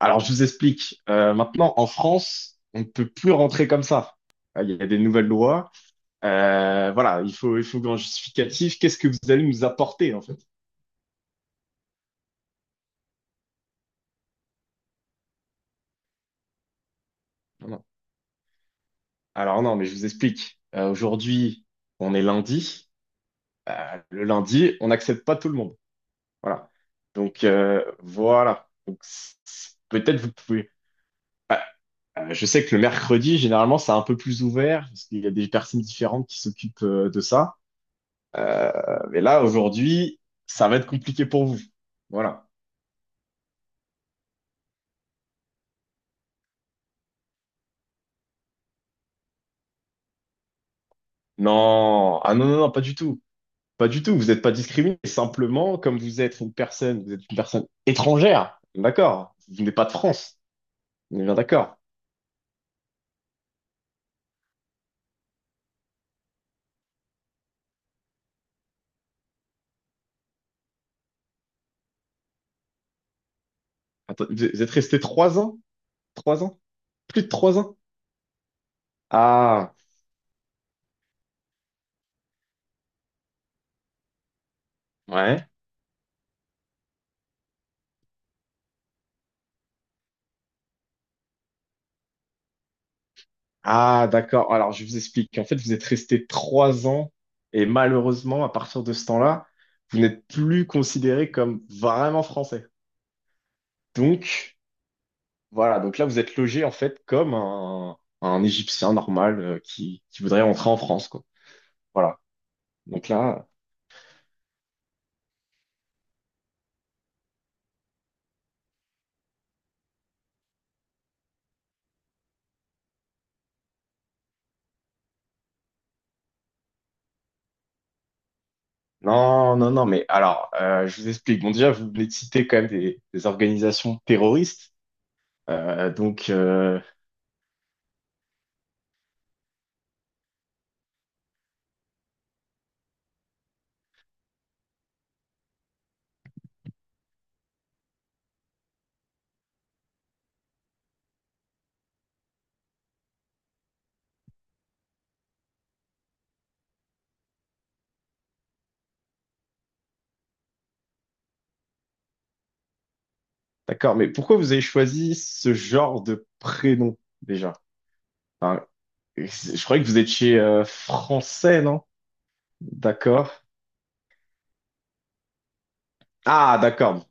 Alors, je vous explique. Maintenant, en France, on ne peut plus rentrer comme ça. Il y a des nouvelles lois. Voilà, il faut un justificatif. Qu'est-ce que vous allez nous apporter, en fait? Voilà. Alors, non, mais je vous explique. Aujourd'hui, on est lundi. Le lundi, on n'accepte pas tout le monde. Voilà. Donc, voilà. Donc, peut-être vous pouvez. Ah, je sais que le mercredi, généralement, c'est un peu plus ouvert parce qu'il y a des personnes différentes qui s'occupent de ça. Mais là, aujourd'hui, ça va être compliqué pour vous. Voilà. Non, ah non, non, non, pas du tout. Pas du tout. Vous n'êtes pas discriminé. Simplement, comme vous êtes une personne, vous êtes une personne étrangère. D'accord. Vous n'êtes pas de France. On est bien d'accord. Attends, vous êtes resté 3 ans? 3 ans? Plus de 3 ans? Ah, ouais. Ah, d'accord. Alors, je vous explique. En fait, vous êtes resté trois ans et malheureusement, à partir de ce temps-là, vous n'êtes plus considéré comme vraiment français. Donc, voilà, donc là, vous êtes logé en fait comme un Égyptien normal qui voudrait rentrer en France, quoi. Voilà. Donc là, non, non, non, mais alors, je vous explique. Bon, déjà, vous venez de citer quand même des organisations terroristes. Euh, donc, euh, d'accord, mais pourquoi vous avez choisi ce genre de prénom déjà? Enfin, je croyais que vous étiez français, non? D'accord. Ah, d'accord.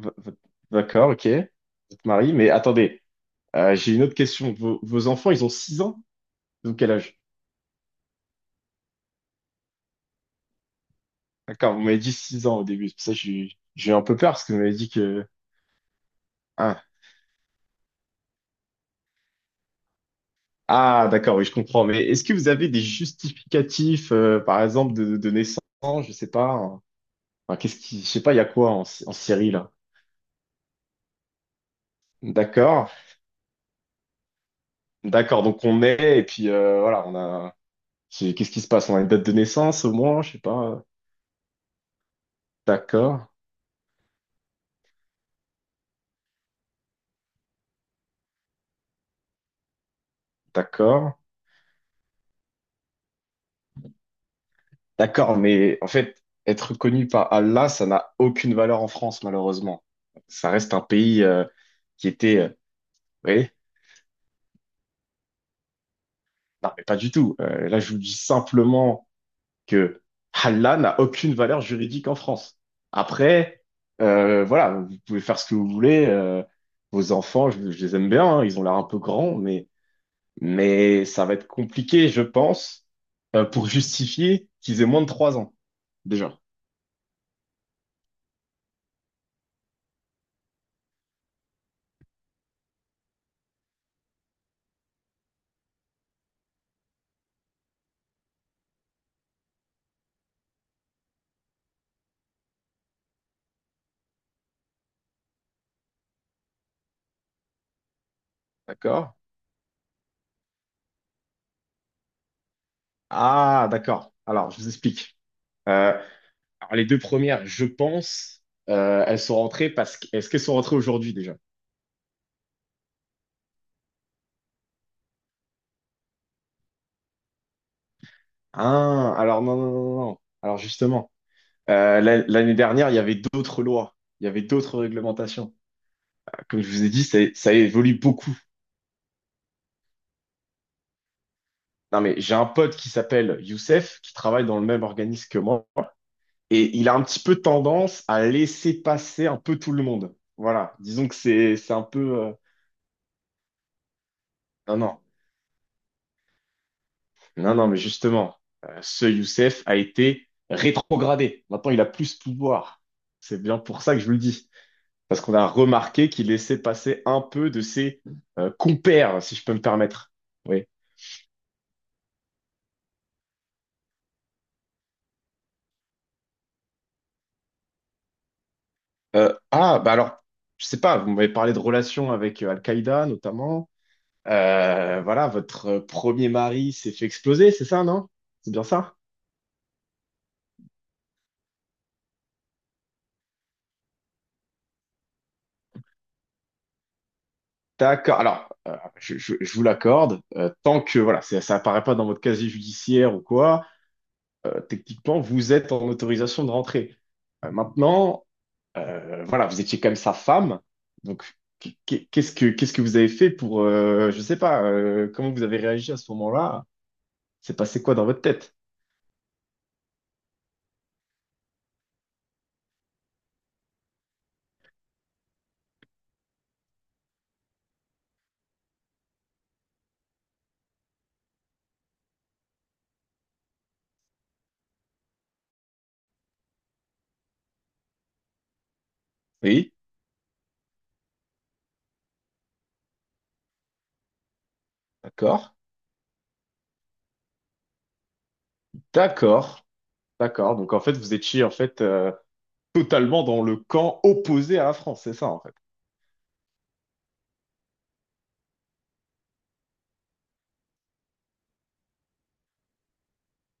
V- v- D'accord, ok. Vous êtes marié, mais attendez. J'ai une autre question. Vos, vos enfants, ils ont 6 ans? Donc quel âge? D'accord, vous m'avez dit 6 ans au début. C'est pour ça que j'ai eu un peu peur parce que vous m'avez dit que... Ah, ah d'accord, oui, je comprends. Mais est-ce que vous avez des justificatifs, par exemple, de naissance? Je sais pas, hein. Enfin, qu'est-ce qui... Je sais pas, il y a quoi en, en Syrie, là? D'accord, d'accord. Donc on est et puis voilà, on a... Qu'est-ce qui se passe? On a une date de naissance au moins, je sais pas. D'accord, d'accord. D'accord, mais en fait, être reconnu par Allah, ça n'a aucune valeur en France, malheureusement. Ça reste un pays qui était... vous voyez? Non, mais pas du tout. Là, je vous dis simplement que Allah n'a aucune valeur juridique en France. Après, voilà, vous pouvez faire ce que vous voulez. Vos enfants, je les aime bien, hein, ils ont l'air un peu grands, mais ça va être compliqué, je pense, pour justifier qu'ils aient moins de 3 ans, déjà. D'accord? Ah, d'accord. Alors, je vous explique. Euh, alors, les deux premières, je pense, elles sont rentrées parce que... Est-ce qu'elles sont rentrées aujourd'hui déjà? Ah, alors non, non, non, non. Alors justement, l'année dernière, il y avait d'autres lois, il y avait d'autres réglementations. Comme je vous ai dit, ça évolue beaucoup. Non, mais j'ai un pote qui s'appelle Youssef, qui travaille dans le même organisme que moi, et il a un petit peu tendance à laisser passer un peu tout le monde. Voilà, disons que c'est un peu... euh, Non, non. Non, non, mais justement, ce Youssef a été rétrogradé. Maintenant, il a plus de pouvoir. C'est bien pour ça que je vous le dis. Parce qu'on a remarqué qu'il laissait passer un peu de ses compères, si je peux me permettre. Oui. Bah alors, je sais pas, vous m'avez parlé de relations avec Al-Qaïda, notamment. Voilà, votre premier mari s'est fait exploser, c'est ça, non? C'est bien ça? D'accord. Alors, je vous l'accorde. Tant que, voilà, ça apparaît pas dans votre casier judiciaire ou quoi. Techniquement, vous êtes en autorisation de rentrer. Maintenant, voilà, vous étiez quand même sa femme. Donc, qu'est-ce que vous avez fait pour, je sais pas, comment vous avez réagi à ce moment-là? C'est passé quoi dans votre tête? Oui, d'accord, d'accord, d'accord. Donc, en fait, vous étiez en fait totalement dans le camp opposé à la France, c'est ça, en fait.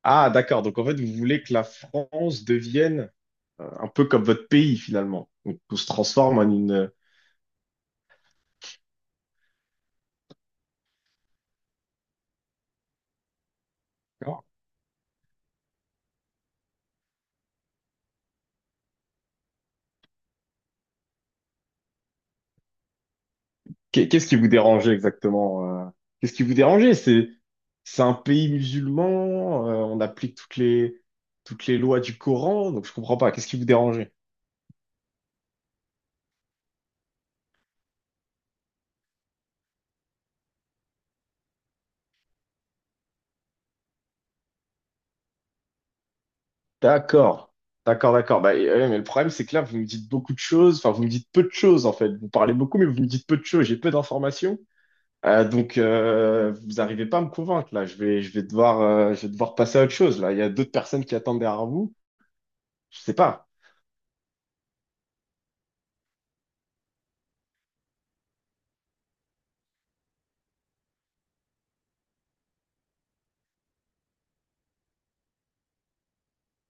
Ah, d'accord. Donc, en fait, vous voulez que la France devienne un peu comme votre pays finalement. Donc, on se transforme en une. Alors, qu'est-ce qui vous dérangeait exactement? Qu'est-ce qui vous dérangeait? C'est un pays musulman. On applique toutes les lois du Coran. Donc je comprends pas. Qu'est-ce qui vous dérangeait? D'accord, d'accord, d'accord. Bah, ouais, mais le problème c'est que là vous me dites beaucoup de choses. Enfin vous me dites peu de choses en fait. Vous parlez beaucoup mais vous me dites peu de choses. J'ai peu d'informations. Donc vous n'arrivez pas à me convaincre là. Je vais devoir je vais devoir passer à autre chose là. Il y a d'autres personnes qui attendent derrière vous. Je sais pas.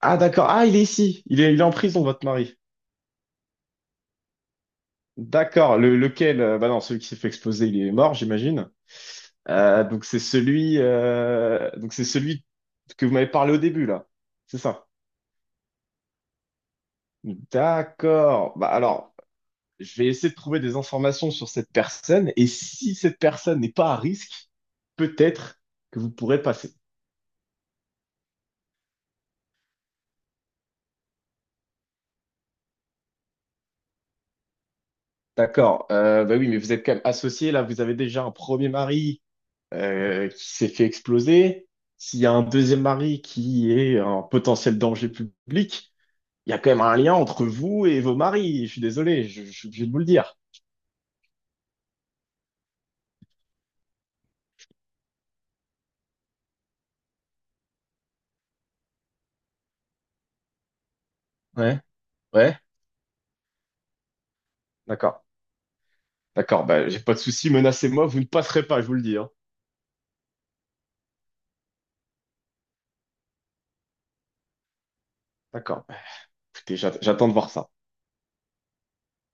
Ah d'accord, ah il est ici, il est en prison votre mari. D'accord, le, lequel, bah non, celui qui s'est fait exploser, il est mort, j'imagine. Donc c'est celui, donc c'est celui que vous m'avez parlé au début là, c'est ça. D'accord. Bah alors, je vais essayer de trouver des informations sur cette personne et si cette personne n'est pas à risque, peut-être que vous pourrez passer. D'accord. Bah oui, mais vous êtes quand même associé là, vous avez déjà un premier mari qui s'est fait exploser, s'il y a un deuxième mari qui est un potentiel danger public, il y a quand même un lien entre vous et vos maris. Je suis désolé, je suis obligé de vous le dire. Ouais, ouais, d'accord, d'accord. Bah, j'ai pas de souci, menacez-moi, vous ne passerez pas, je vous le dis, hein. D'accord. Bah, écoutez, j'attends de voir ça.